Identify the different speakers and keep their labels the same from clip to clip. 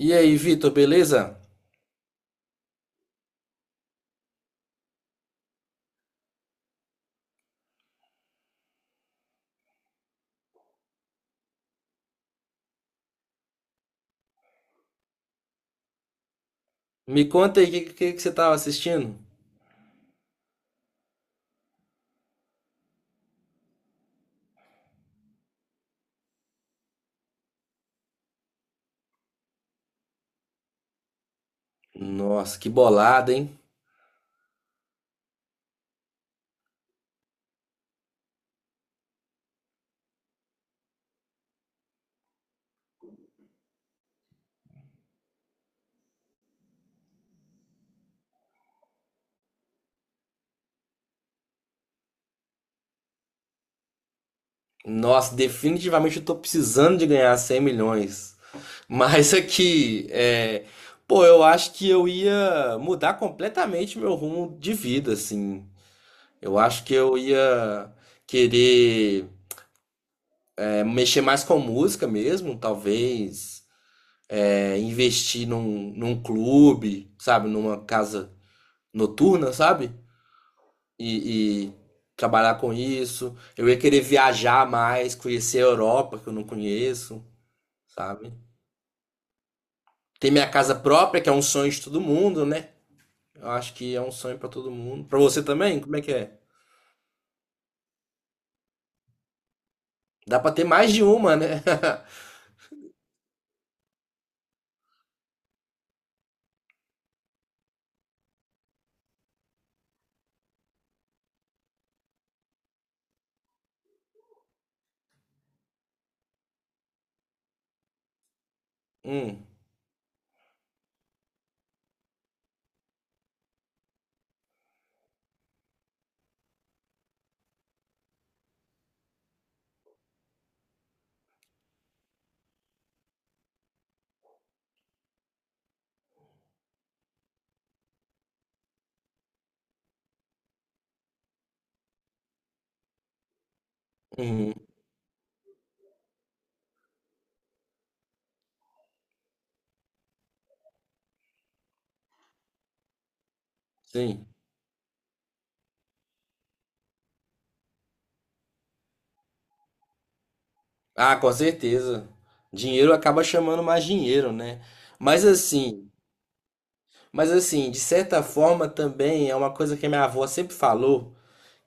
Speaker 1: E aí, Vitor, beleza? Me conta aí o que você tava assistindo? Nossa, que bolada, hein? Nossa, definitivamente eu tô precisando de ganhar 100 milhões. Mas aqui, pô, eu acho que eu ia mudar completamente meu rumo de vida, assim. Eu acho que eu ia querer mexer mais com música mesmo, talvez. É, investir num clube, sabe? Numa casa noturna, sabe? e trabalhar com isso. Eu ia querer viajar mais, conhecer a Europa, que eu não conheço, sabe? Ter minha casa própria, que é um sonho de todo mundo, né? Eu acho que é um sonho pra todo mundo. Pra você também? Como é que é? Dá pra ter mais de uma, né? Hum, uhum, sim. Ah, com certeza. Dinheiro acaba chamando mais dinheiro, né? Mas assim, mas assim, de certa forma também é uma coisa que a minha avó sempre falou.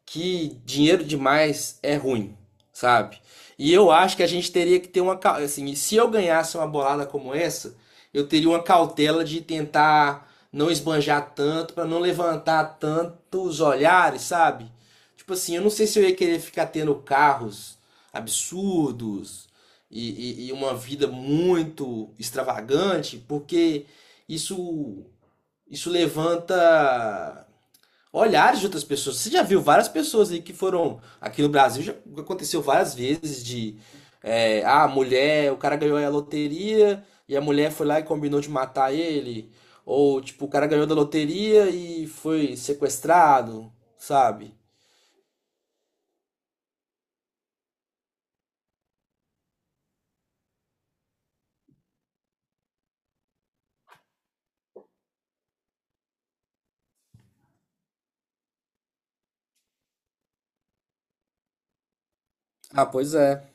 Speaker 1: que dinheiro demais é ruim, sabe? E eu acho que a gente teria que ter uma. Assim, se eu ganhasse uma bolada como essa, eu teria uma cautela de tentar não esbanjar tanto, para não levantar tantos olhares, sabe? Tipo assim, eu não sei se eu ia querer ficar tendo carros absurdos e, e uma vida muito extravagante, porque isso, isso levanta olhares de outras pessoas. Você já viu várias pessoas aí que foram. Aqui no Brasil já aconteceu várias vezes de. É, ah, a mulher, o cara ganhou a loteria e a mulher foi lá e combinou de matar ele. Ou, tipo, o cara ganhou da loteria e foi sequestrado, sabe? Ah, pois é.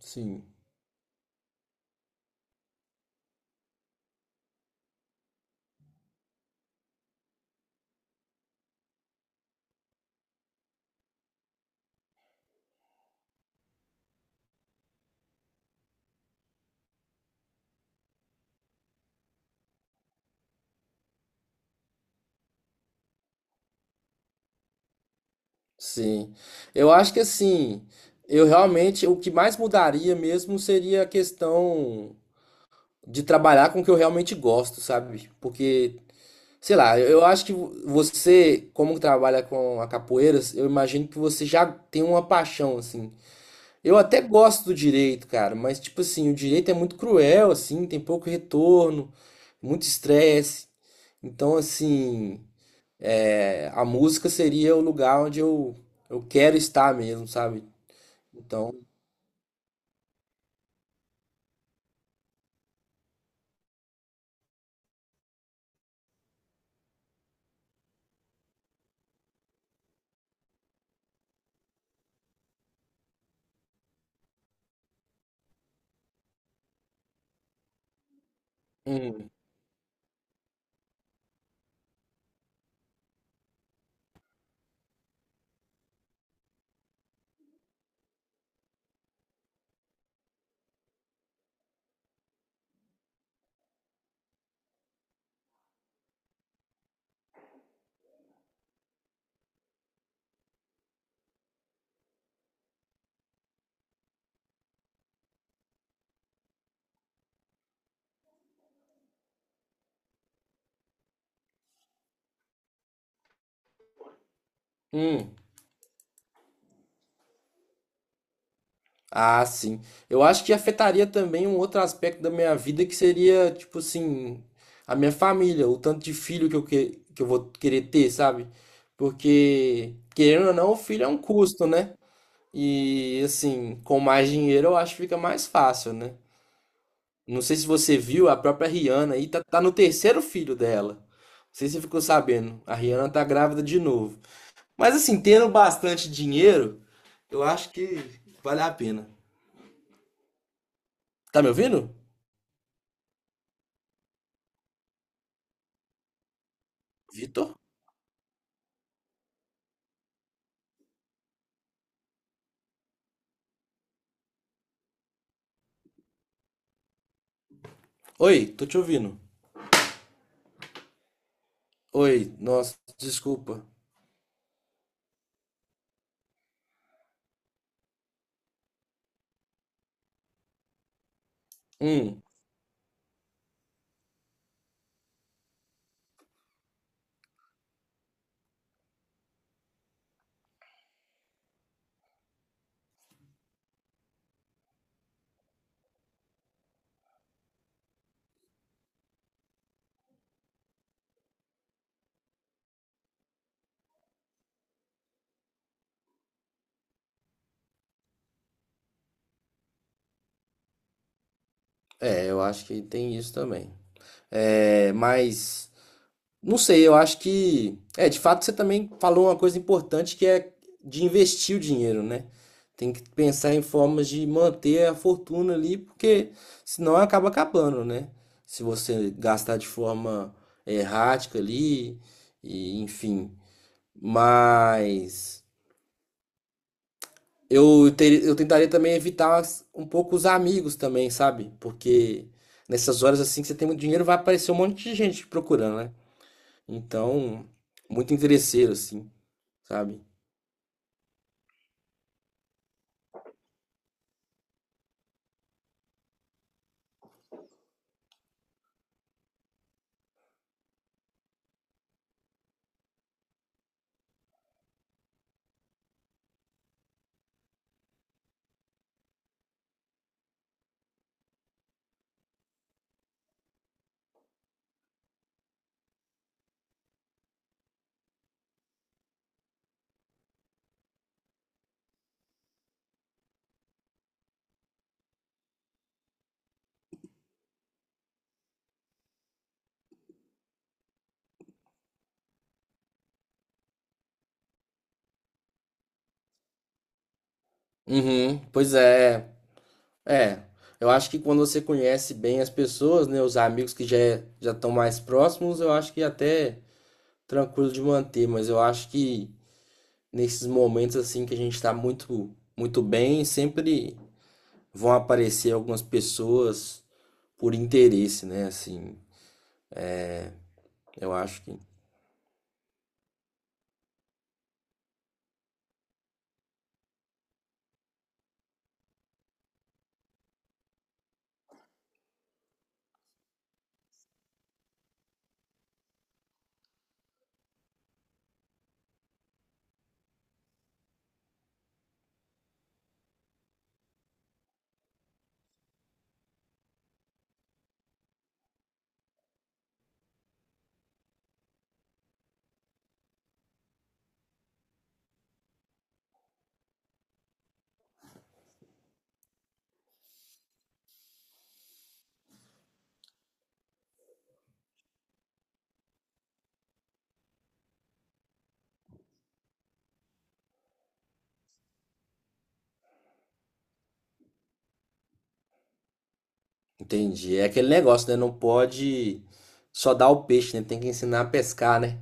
Speaker 1: Sim, sim. Eu acho que assim, eu realmente, o que mais mudaria mesmo seria a questão de trabalhar com o que eu realmente gosto, sabe? Porque sei lá, eu acho que você, como trabalha com a capoeira, eu imagino que você já tem uma paixão, assim. Eu até gosto do direito, cara, mas, tipo assim, o direito é muito cruel, assim, tem pouco retorno, muito estresse. Então, assim, a música seria o lugar onde eu quero estar mesmo, sabe? Então, hum, hum. Ah, sim. Eu acho que afetaria também um outro aspecto da minha vida que seria, tipo assim, a minha família, o tanto de filho que eu vou querer ter, sabe? Porque, querendo ou não, o filho é um custo, né? E, assim, com mais dinheiro eu acho que fica mais fácil, né? Não sei se você viu, a própria Rihanna aí tá no terceiro filho dela. Não sei se você ficou sabendo. A Rihanna tá grávida de novo. Mas, assim, tendo bastante dinheiro, eu acho que vale a pena. Tá me ouvindo? Vitor? Oi, tô te ouvindo. Oi, nossa, desculpa. Hum, é, eu acho que tem isso também. É, mas não sei, eu acho que é, de fato você também falou uma coisa importante que é de investir o dinheiro, né? Tem que pensar em formas de manter a fortuna ali, porque senão acaba acabando, né? Se você gastar de forma errática ali, e enfim. Mas eu tentaria também evitar um pouco os amigos também, sabe? Porque nessas horas assim que você tem muito dinheiro, vai aparecer um monte de gente te procurando, né? Então, muito interesseiro, assim, sabe? Uhum, pois é. É. Eu acho que quando você conhece bem as pessoas, né? Os amigos que já já estão mais próximos, eu acho que é até tranquilo de manter, mas eu acho que nesses momentos assim que a gente tá muito, muito bem, sempre vão aparecer algumas pessoas por interesse, né? Assim, eu acho que entendi. É aquele negócio, né? Não pode só dar o peixe, né? Tem que ensinar a pescar, né?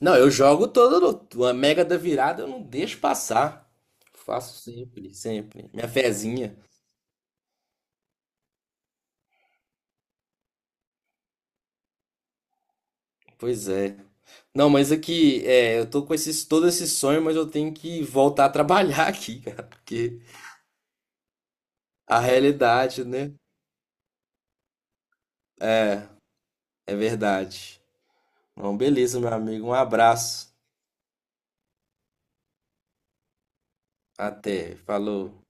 Speaker 1: Não, eu jogo todo uma mega da virada, eu não deixo passar. Faço sempre, sempre. Minha fezinha. Pois é. Não, mas aqui, eu tô com esses, todo esse sonho, mas eu tenho que voltar a trabalhar aqui, cara, porque a realidade, né? É verdade. Bom, beleza, meu amigo. Um abraço. Até. Falou.